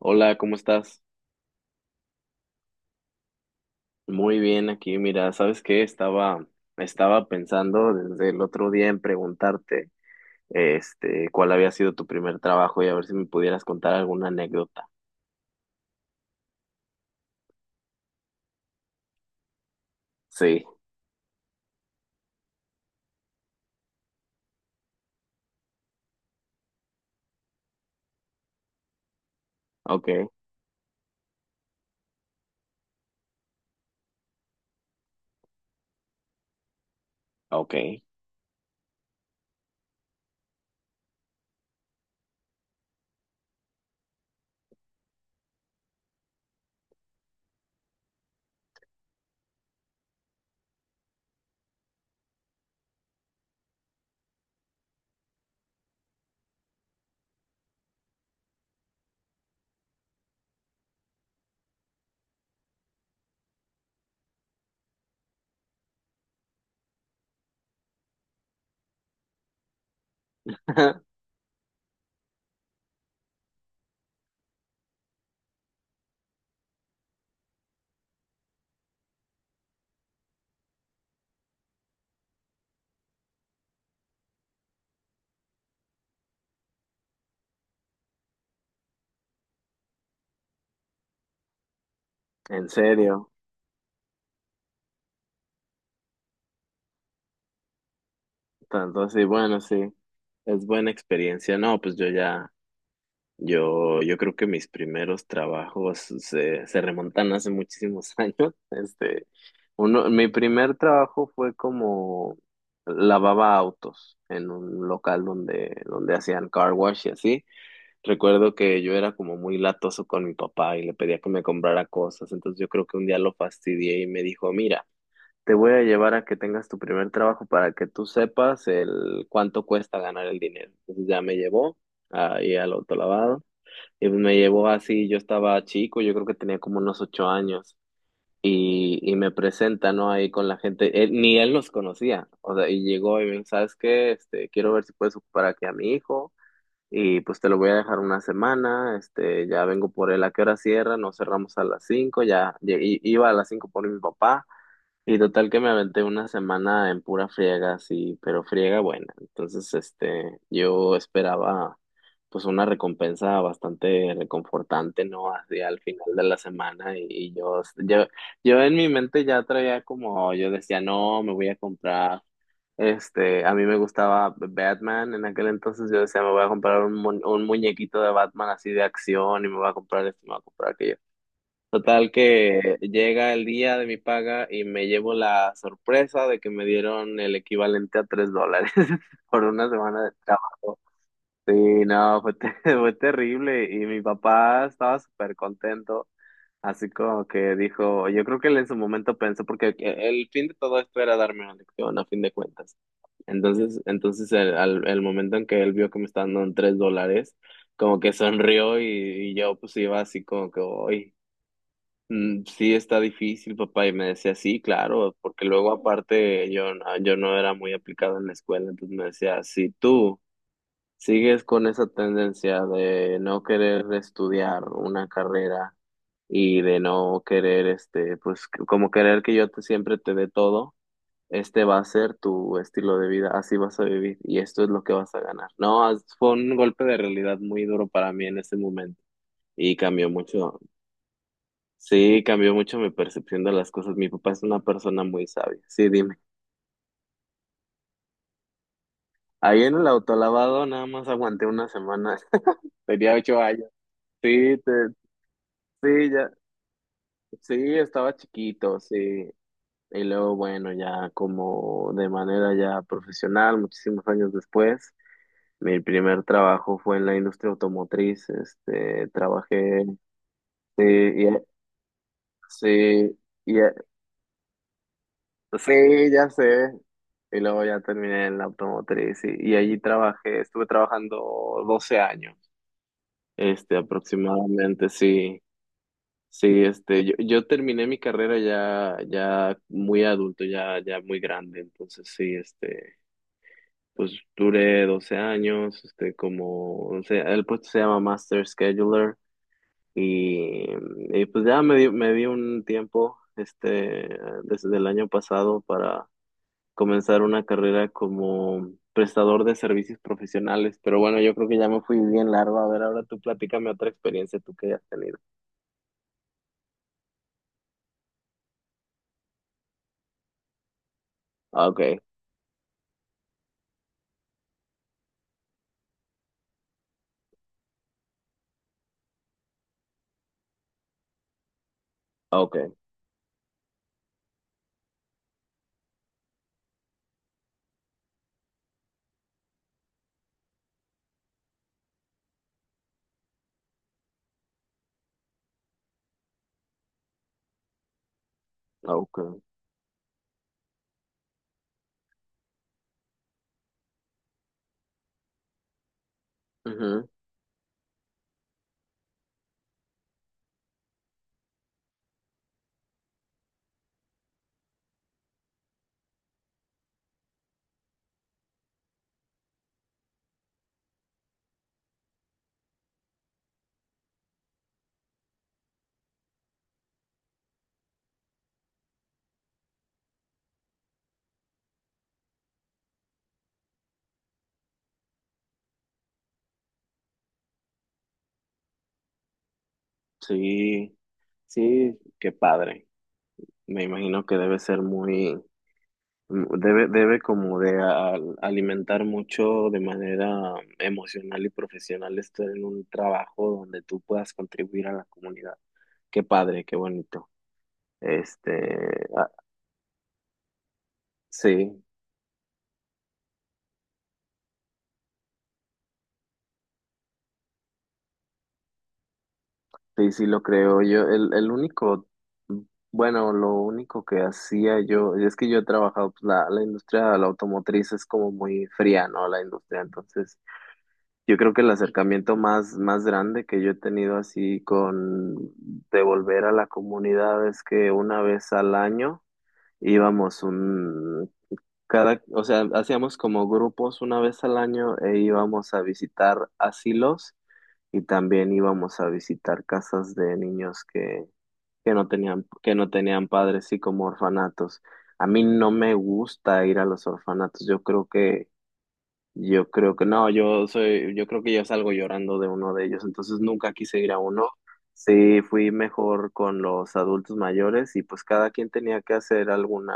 Hola, ¿cómo estás? Muy bien aquí. Mira, ¿sabes qué? Estaba pensando desde el otro día en preguntarte, cuál había sido tu primer trabajo y a ver si me pudieras contar alguna anécdota. Sí, ok, ok. En serio. Entonces, sí, bueno, sí, es buena experiencia. No, pues yo ya. Yo creo que mis primeros trabajos se remontan hace muchísimos años. Uno, mi primer trabajo fue como lavaba autos en un local donde hacían car wash y así. Recuerdo que yo era como muy latoso con mi papá y le pedía que me comprara cosas. Entonces yo creo que un día lo fastidié y me dijo, mira, te voy a llevar a que tengas tu primer trabajo para que tú sepas el cuánto cuesta ganar el dinero. Entonces ya me llevó ahí al autolavado y me llevó así, yo estaba chico, yo creo que tenía como unos 8 años, y me presenta, ¿no? Ahí con la gente, ni él los conocía, o sea, y llegó y me dijo, ¿sabes qué? Quiero ver si puedes ocupar aquí a mi hijo, y pues te lo voy a dejar una semana, ya vengo por él. ¿A qué hora cierran? Nos cerramos a las 5. Ya, iba a las 5 por mi papá, y total que me aventé una semana en pura friega, sí, pero friega buena. Entonces, yo esperaba pues una recompensa bastante reconfortante, ¿no? Así al final de la semana y yo en mi mente ya traía como, yo decía, no, me voy a comprar, a mí me gustaba Batman en aquel entonces. Yo decía, me voy a comprar un muñequito de Batman así de acción, y me voy a comprar esto, me voy a comprar aquello. Total que llega el día de mi paga y me llevo la sorpresa de que me dieron el equivalente a $3 por una semana de trabajo. Sí, no, fue, fue terrible, y mi papá estaba súper contento, así como que dijo, yo creo que él en su momento pensó, porque el fin de todo esto era darme una lección a fin de cuentas. Entonces el momento en que él vio que me estaban dando $3, como que sonrió, y yo pues iba así como que, hoy, mm, sí, está difícil, papá. Y me decía, sí, claro, porque luego aparte yo, yo no era muy aplicado en la escuela, entonces me decía, si tú sigues con esa tendencia de no querer estudiar una carrera y de no querer, pues como querer que siempre te dé todo, este va a ser tu estilo de vida, así vas a vivir, y esto es lo que vas a ganar. No, fue un golpe de realidad muy duro para mí en ese momento, y cambió mucho. Sí, cambió mucho mi percepción de las cosas. Mi papá es una persona muy sabia. Sí, dime. Ahí en el autolavado nada más aguanté una semana. Tenía 8 años. Sí, sí, ya, sí, estaba chiquito, sí. Y luego, bueno, ya como de manera ya profesional, muchísimos años después, mi primer trabajo fue en la industria automotriz. Trabajé, sí, y, sí, y, sí, ya sé. Y luego ya terminé en la automotriz, y allí trabajé, estuve trabajando 12 años, aproximadamente, sí, sí, yo, yo terminé mi carrera ya, ya muy adulto, ya, ya muy grande. Entonces sí, pues duré 12 años, como, o sea, el puesto se llama Master Scheduler, y, y pues ya me di un tiempo, desde el año pasado, para comenzar una carrera como prestador de servicios profesionales. Pero bueno, yo creo que ya me fui bien largo. A ver, ahora tú platícame otra experiencia tú que hayas tenido. Ah, ok, ah, ok, ah, ok. Ujú. Sí, sí, qué padre. Me imagino que debe ser muy, debe como de alimentar mucho de manera emocional y profesional estar en un trabajo donde tú puedas contribuir a la comunidad. Qué padre, qué bonito. Este, ah, sí. Sí, sí, lo creo. Yo, el único, bueno, lo único que hacía yo, es que yo he trabajado, pues, la industria de la automotriz es como muy fría, ¿no? La industria. Entonces, yo creo que el, sí, acercamiento más, más grande que yo he tenido así con devolver a la comunidad, es que una vez al año íbamos un, cada, o sea, hacíamos como grupos una vez al año, e íbamos a visitar asilos, y también íbamos a visitar casas de niños que no tenían padres, y como orfanatos. A mí no me gusta ir a los orfanatos. Yo creo que no, yo soy, yo creo que yo salgo llorando de uno de ellos, entonces nunca quise ir a uno. Sí, fui mejor con los adultos mayores, y pues cada quien tenía que hacer alguna,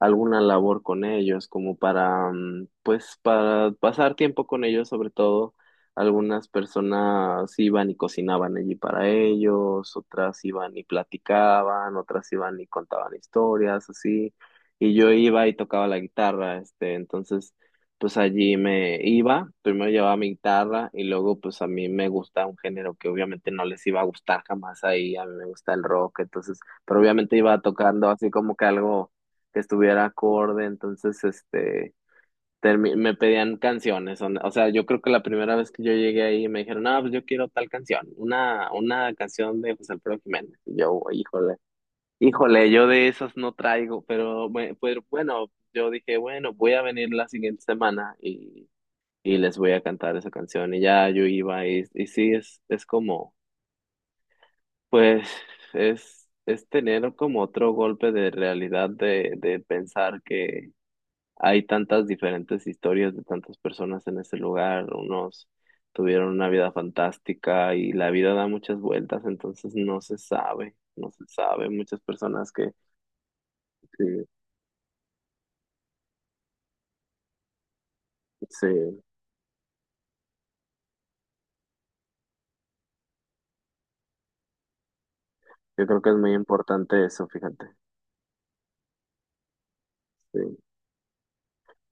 alguna labor con ellos, como para, pues para pasar tiempo con ellos. Sobre todo, algunas personas iban y cocinaban allí para ellos, otras iban y platicaban, otras iban y contaban historias, así. Y yo iba y tocaba la guitarra. Entonces pues allí me iba, primero llevaba mi guitarra, y luego, pues a mí me gusta un género que obviamente no les iba a gustar jamás ahí, a mí me gusta el rock. Entonces, pero obviamente iba tocando así como que algo que estuviera acorde, entonces me pedían canciones, o sea, yo creo que la primera vez que yo llegué ahí, me dijeron, ah, pues yo quiero tal canción, una canción de José Alfredo Jiménez, y yo, híjole. Híjole, yo de esas no traigo, pero, pero bueno, yo dije, bueno, voy a venir la siguiente semana, y les voy a cantar esa canción. Y ya yo iba, y sí, es como, pues, es tener como otro golpe de realidad de pensar que hay tantas diferentes historias de tantas personas en ese lugar. Unos tuvieron una vida fantástica, y la vida da muchas vueltas, entonces no se sabe, no se sabe. Muchas personas que sí, yo creo que es muy importante eso, fíjate. Sí.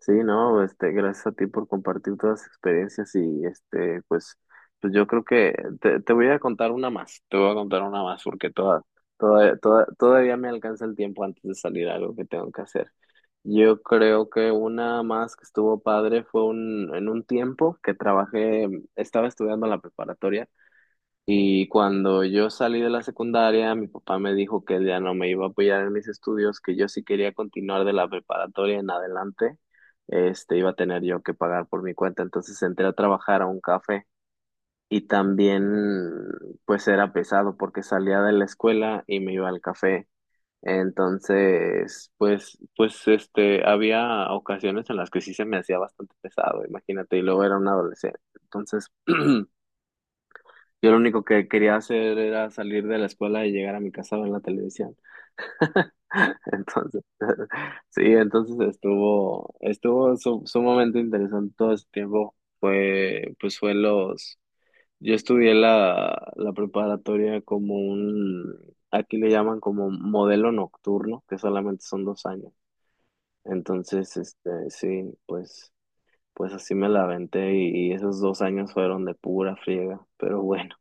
Sí, no, gracias a ti por compartir todas las experiencias, y pues, pues yo creo que te voy a contar una más, te voy a contar una más, porque todavía me alcanza el tiempo antes de salir a algo que tengo que hacer. Yo creo que una más que estuvo padre fue en un tiempo que trabajé, estaba estudiando la preparatoria, y cuando yo salí de la secundaria, mi papá me dijo que él ya no me iba a apoyar en mis estudios, que yo si quería continuar de la preparatoria en adelante, iba a tener yo que pagar por mi cuenta. Entonces entré a trabajar a un café, y también pues era pesado, porque salía de la escuela y me iba al café. Entonces, pues, había ocasiones en las que sí se me hacía bastante pesado, imagínate, y luego era un adolescente. Entonces, yo lo único que quería hacer era salir de la escuela y llegar a mi casa a ver la televisión. Entonces, sí, entonces estuvo, sumamente interesante todo ese tiempo. Fue, pues fue los, yo estudié la preparatoria como un, aquí le llaman como modelo nocturno, que solamente son 2 años. Entonces, sí, pues, pues así me la aventé, y esos 2 años fueron de pura friega, pero bueno.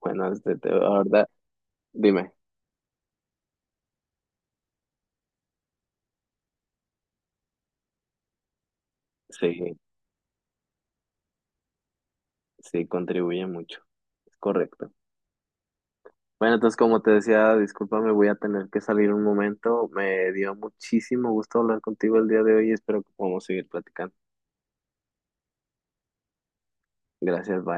Bueno, dime, sí, sí, contribuye mucho. Es correcto. Bueno, entonces como te decía, discúlpame, voy a tener que salir un momento. Me dio muchísimo gusto hablar contigo el día de hoy, y espero que podamos seguir platicando. Gracias, bye.